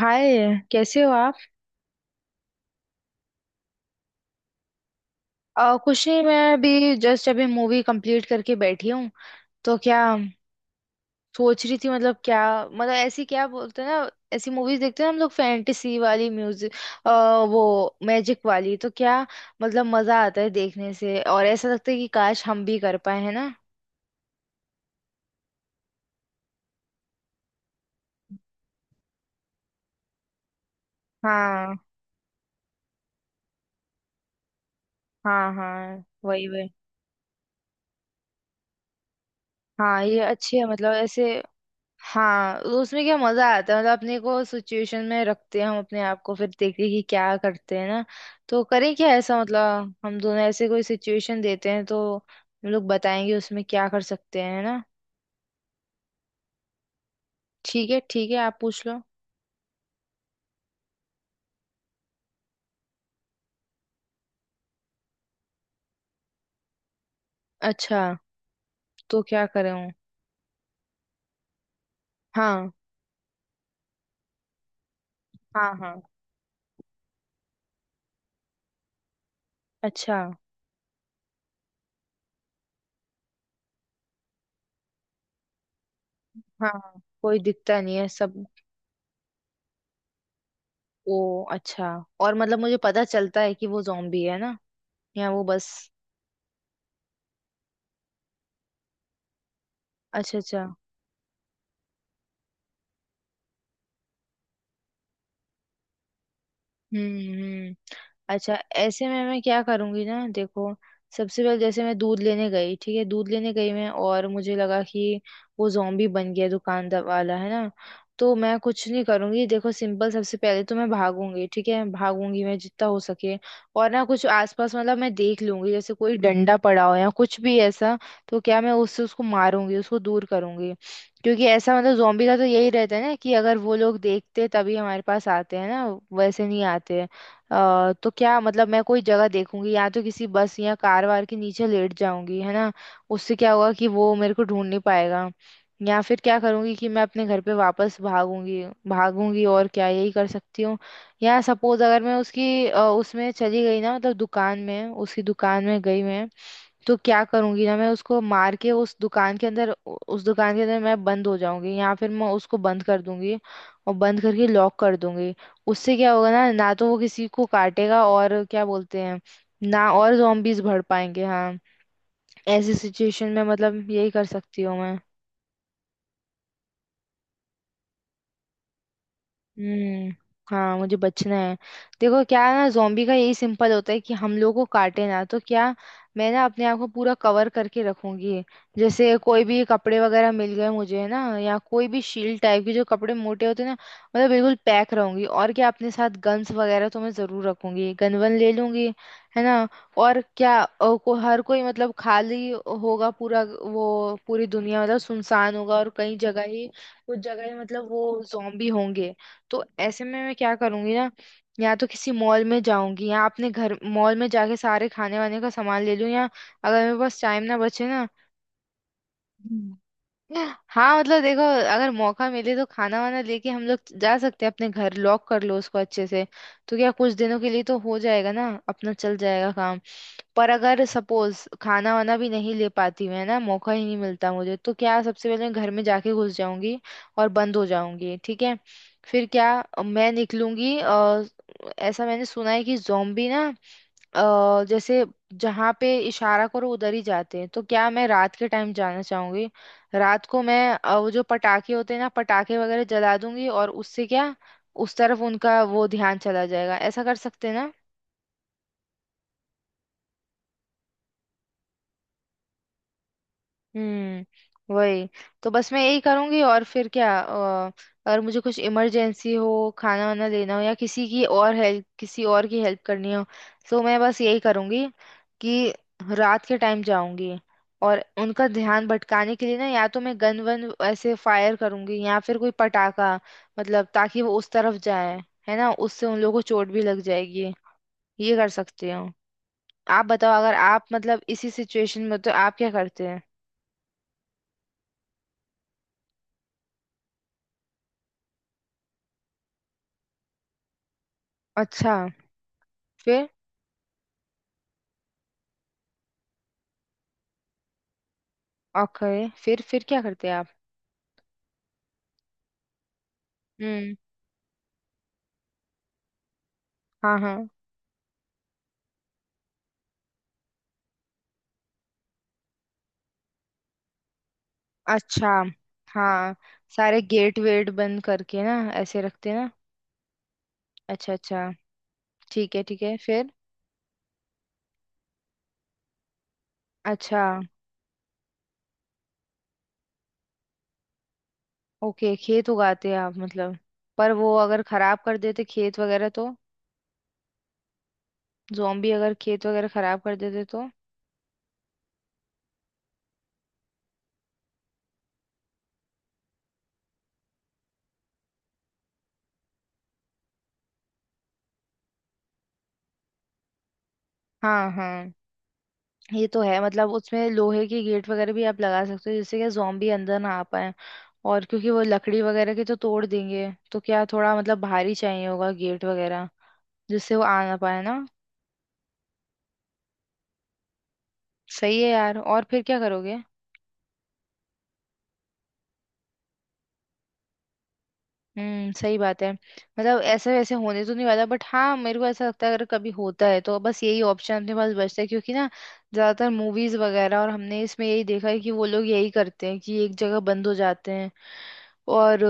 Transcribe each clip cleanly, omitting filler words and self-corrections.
हाय। कैसे हो आप? कुछ नहीं, मैं अभी जस्ट अभी मूवी कंप्लीट करके बैठी हूँ। तो क्या सोच रही थी, मतलब क्या? मतलब ऐसी, क्या बोलते हैं ना, ऐसी मूवीज देखते हैं हम लोग, फैंटेसी वाली, म्यूजिक वो मैजिक वाली, तो क्या, मतलब मजा आता है देखने से, और ऐसा लगता है कि काश हम भी कर पाए, है ना। हाँ, हाँ हाँ, वही वही। हाँ, ये अच्छी है मतलब ऐसे। हाँ, तो उसमें क्या मजा आता है, मतलब अपने को सिचुएशन में रखते हैं हम, अपने आप को फिर देखते हैं कि क्या करते हैं, ना। तो करें क्या ऐसा, मतलब हम दोनों ऐसे कोई सिचुएशन देते हैं तो हम लोग बताएंगे उसमें क्या कर सकते हैं, है ना। ठीक है ठीक है, आप पूछ लो। अच्छा। तो क्या करें हूँ। हाँ हाँ। हाँ। अच्छा। हाँ हाँ, कोई दिखता नहीं है सब। ओ अच्छा। और मतलब मुझे पता चलता है कि वो जॉम्बी है ना, या वो बस। अच्छा अच्छा। हम्म हम्म। अच्छा। ऐसे में मैं क्या करूंगी ना, देखो। सबसे पहले जैसे मैं दूध लेने गई, ठीक है, दूध लेने गई मैं और मुझे लगा कि वो zombie बन गया दुकानदार वाला, है ना। तो मैं कुछ नहीं करूंगी, देखो, सिंपल। सबसे पहले तो मैं भागूंगी, ठीक है, भागूंगी मैं जितना हो सके। और ना कुछ आसपास मतलब मैं देख लूंगी, जैसे कोई डंडा पड़ा हो या कुछ भी ऐसा। तो क्या मैं उससे उसको मारूंगी, उसको दूर करूंगी। क्योंकि ऐसा मतलब जोम्बी का तो यही रहता है ना, कि अगर वो लोग देखते तभी हमारे पास आते हैं ना। वैसे नहीं आते हैं। तो क्या मतलब मैं कोई जगह देखूंगी, या तो किसी बस या कार वार के नीचे लेट जाऊंगी, है ना। उससे क्या होगा कि वो मेरे को ढूंढ नहीं पाएगा। या फिर क्या करूंगी कि मैं अपने घर पे वापस भागूंगी भागूंगी, और क्या यही कर सकती हूँ। या सपोज अगर मैं उसकी उसमें चली गई ना, मतलब दुकान में उसकी दुकान में गई मैं। तो क्या करूंगी ना, मैं उसको मार के उस दुकान के अंदर मैं बंद हो जाऊंगी, या फिर मैं उसको बंद कर दूंगी। और बंद करके लॉक कर दूंगी। उससे क्या होगा, ना ना तो वो किसी को काटेगा और क्या बोलते हैं, ना, और zombies बढ़ पाएंगे, हाँ। ऐसी सिचुएशन में मतलब यही कर सकती हूँ मैं। हम्म। हाँ, मुझे बचना है। देखो क्या है ना, जोम्बी का यही सिंपल होता है कि हम लोगों को काटे, ना तो क्या, मैं ना अपने आप को पूरा कवर करके रखूंगी। जैसे कोई भी कपड़े वगैरह मिल गए मुझे है ना, या कोई भी शील्ड टाइप के जो कपड़े मोटे होते हैं ना। मतलब बिल्कुल पैक रहूंगी, और क्या, अपने साथ गन्स वगैरह तो मैं जरूर रखूंगी, गन वन ले लूंगी। है ना। और क्या को हर कोई मतलब खाली होगा पूरा, वो पूरी दुनिया मतलब सुनसान होगा, और कई जगह ही, कुछ जगह ही मतलब वो जोम्बी होंगे। तो ऐसे में मैं क्या करूंगी ना, या तो किसी मॉल में जाऊंगी या अपने घर, मॉल में जाके सारे खाने वाने का सामान ले लूं, या अगर मेरे पास टाइम ना बचे ना। हाँ मतलब देखो, अगर मौका मिले तो खाना वाना लेके हम लोग जा सकते हैं अपने घर, लॉक कर लो उसको अच्छे से। तो क्या, कुछ दिनों के लिए तो हो जाएगा ना, अपना चल जाएगा काम। पर अगर सपोज खाना वाना भी नहीं ले पाती मैं, ना मौका ही नहीं मिलता मुझे, तो क्या सबसे पहले मैं घर में जाके घुस जाऊंगी और बंद हो जाऊंगी, ठीक है। फिर क्या, मैं निकलूंगी, ऐसा मैंने सुना है कि जोम्बी ना, जैसे, जहाँ पे इशारा करो उधर ही जाते हैं, तो क्या मैं रात के टाइम जाना चाहूंगी। रात को मैं, वो जो पटाखे होते हैं ना, पटाखे वगैरह जला दूंगी, और उससे क्या, उस तरफ उनका वो ध्यान चला जाएगा, ऐसा कर सकते हैं ना। वही, तो बस मैं यही करूंगी, और फिर क्या, अगर मुझे कुछ इमरजेंसी हो, खाना वाना लेना हो, या किसी और की हेल्प करनी हो, तो मैं बस यही करूंगी, कि रात के टाइम जाऊंगी और उनका ध्यान भटकाने के लिए ना, या तो मैं गन वन ऐसे फायर करूंगी, या फिर कोई पटाखा, मतलब ताकि वो उस तरफ जाए, है ना, उससे उन लोगों को चोट भी लग जाएगी, ये कर सकती हूँ। आप बताओ, अगर आप मतलब इसी सिचुएशन में हो, तो आप क्या करते हैं? अच्छा फिर। ओके, फिर क्या करते आप? हम्म। हाँ हाँ। अच्छा। हाँ, सारे गेट वेट बंद करके ना, ऐसे रखते ना। अच्छा अच्छा। ठीक है ठीक है, फिर? अच्छा। ओके, खेत उगाते हैं आप मतलब? पर वो अगर खराब कर देते खेत वगैरह तो, जोम्बी अगर खेत वगैरह खराब कर देते तो? हाँ हाँ, ये तो है, मतलब उसमें लोहे के गेट वगैरह भी आप लगा सकते हो जिससे कि जोम्बी अंदर ना आ पाए। और क्योंकि वो लकड़ी वगैरह के तो तोड़ देंगे, तो क्या थोड़ा मतलब भारी चाहिए होगा गेट वगैरह, जिससे वो आ ना पाए ना। सही है यार, और फिर क्या करोगे? सही बात है, मतलब ऐसा वैसे होने तो नहीं वाला, बट हाँ, मेरे को ऐसा लगता है अगर कभी होता है तो बस यही ऑप्शन अपने पास बचता है, क्योंकि ना, ज्यादातर मूवीज वगैरह और हमने इसमें यही देखा है कि वो लोग यही करते हैं कि एक जगह बंद हो जाते हैं। और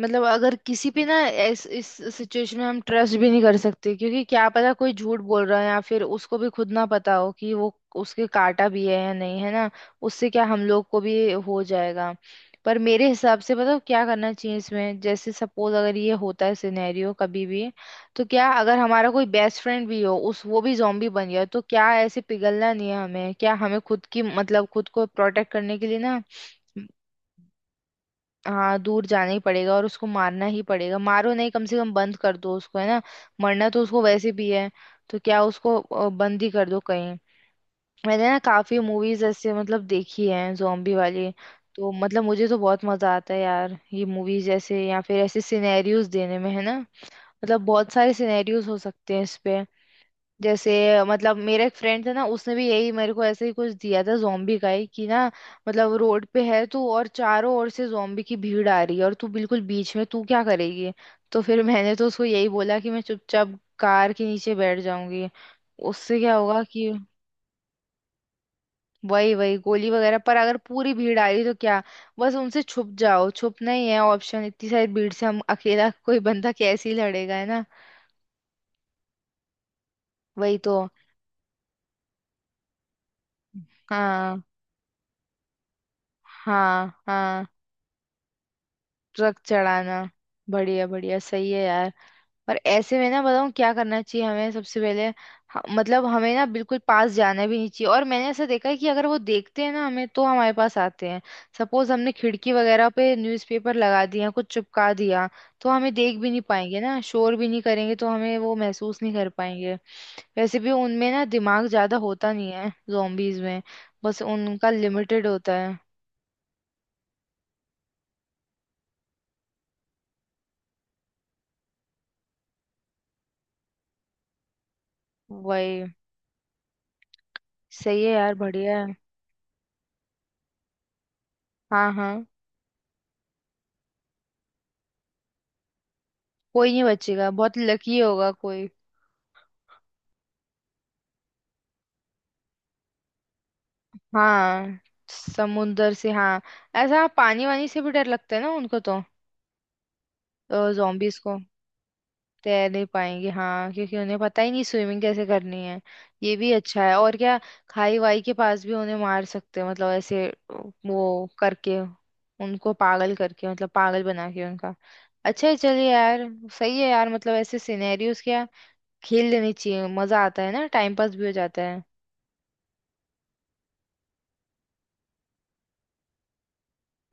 मतलब, अगर किसी पे ना इस सिचुएशन में हम ट्रस्ट भी नहीं कर सकते, क्योंकि क्या पता कोई झूठ बोल रहा है, या फिर उसको भी खुद ना पता हो कि वो उसके काटा भी है या नहीं, है ना। उससे क्या, हम लोग को भी हो जाएगा। पर मेरे हिसाब से बताओ क्या करना चाहिए इसमें, जैसे सपोज अगर ये होता है सिनेरियो कभी भी, तो क्या अगर हमारा कोई बेस्ट फ्रेंड भी हो उस वो भी जॉम्बी बन गया, तो क्या ऐसे पिघलना नहीं है हमें, क्या हमें खुद की मतलब खुद को प्रोटेक्ट करने के लिए ना। हाँ, दूर जाना ही पड़ेगा और उसको मारना ही पड़ेगा, मारो नहीं कम से कम बंद कर दो उसको, है ना। मरना तो उसको वैसे भी है, तो क्या उसको बंद ही कर दो कहीं। मैंने ना काफी मूवीज ऐसे मतलब देखी है zombie वाली, तो मतलब मुझे तो बहुत मजा आता है यार, ये मूवीज ऐसे या फिर ऐसे सिनेरियोज देने में, है ना। मतलब बहुत सारे सिनेरियोज हो सकते हैं इस पे, जैसे, मतलब मेरा एक फ्रेंड था ना, उसने भी यही मेरे को ऐसे ही कुछ दिया था जोम्बी का ही, कि ना, मतलब रोड पे है तू, और चारों ओर से जोम्बी की भीड़ आ रही है, और तू बिल्कुल बीच में, तू क्या करेगी? तो फिर मैंने तो उसको यही बोला कि मैं चुपचाप कार के नीचे बैठ जाऊंगी। उससे क्या होगा कि, वही वही, गोली वगैरह, पर अगर पूरी भीड़ आ रही तो क्या, बस उनसे छुप जाओ, छुपना ही है ऑप्शन, इतनी सारी भीड़ से हम अकेला कोई बंदा कैसे ही लड़ेगा, है ना। वही तो। हाँ हाँ हाँ। ट्रक चढ़ाना, बढ़िया बढ़िया, सही है यार। पर ऐसे में ना बताऊँ क्या करना चाहिए हमें, सबसे पहले मतलब हमें ना बिल्कुल पास जाना भी नहीं चाहिए, और मैंने ऐसा देखा है कि अगर वो देखते हैं ना हमें, तो हमारे पास आते हैं। सपोज हमने खिड़की वगैरह पे न्यूज़पेपर लगा दिया, कुछ चिपका दिया, तो हमें देख भी नहीं पाएंगे ना, शोर भी नहीं करेंगे तो हमें वो महसूस नहीं कर पाएंगे। वैसे भी उनमें ना दिमाग ज्यादा होता नहीं है जोम्बीज में, बस उनका लिमिटेड होता है। वही। सही है यार, बढ़िया है। हाँ हाँ। कोई नहीं बचेगा, बहुत लकी होगा कोई। हाँ, समुंदर से, हाँ। ऐसा पानी वानी से भी डर लगता है ना उनको तो, जॉम्बीज को, तैर नहीं पाएंगे हाँ, क्योंकि उन्हें पता ही नहीं स्विमिंग कैसे करनी है। ये भी अच्छा है, और क्या, खाई वाई के पास भी उन्हें मार सकते हैं, मतलब ऐसे, वो करके, उनको पागल करके, मतलब पागल बना के उनका। अच्छा है, चलिए यार। सही है यार, मतलब ऐसे सिनेरियोस क्या, खेल लेनी चाहिए, मजा आता है ना, टाइम पास भी हो जाता है।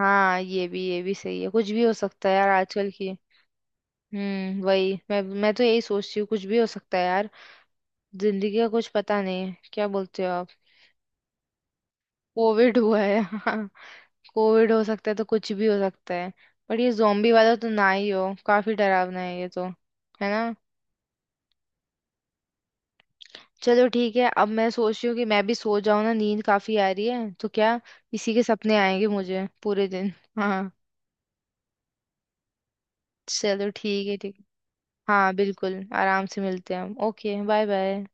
हाँ, ये भी सही है, कुछ भी हो सकता है यार आजकल की। वही, मैं तो यही सोचती हूँ, कुछ भी हो सकता है यार। जिंदगी का कुछ पता नहीं है, क्या बोलते हो आप? कोविड हुआ है हाँ, कोविड हो सकता है तो कुछ भी हो सकता है। पर ये जोम्बी वाला तो ना ही हो, काफी डरावना है ये तो, है ना। चलो ठीक है, अब मैं सोच रही हूँ कि मैं भी सो जाऊँ ना, नींद काफी आ रही है तो क्या, इसी के सपने आएंगे मुझे पूरे दिन। हाँ, चलो ठीक है ठीक है। हाँ बिल्कुल, आराम से मिलते हैं हम। Okay bye bye.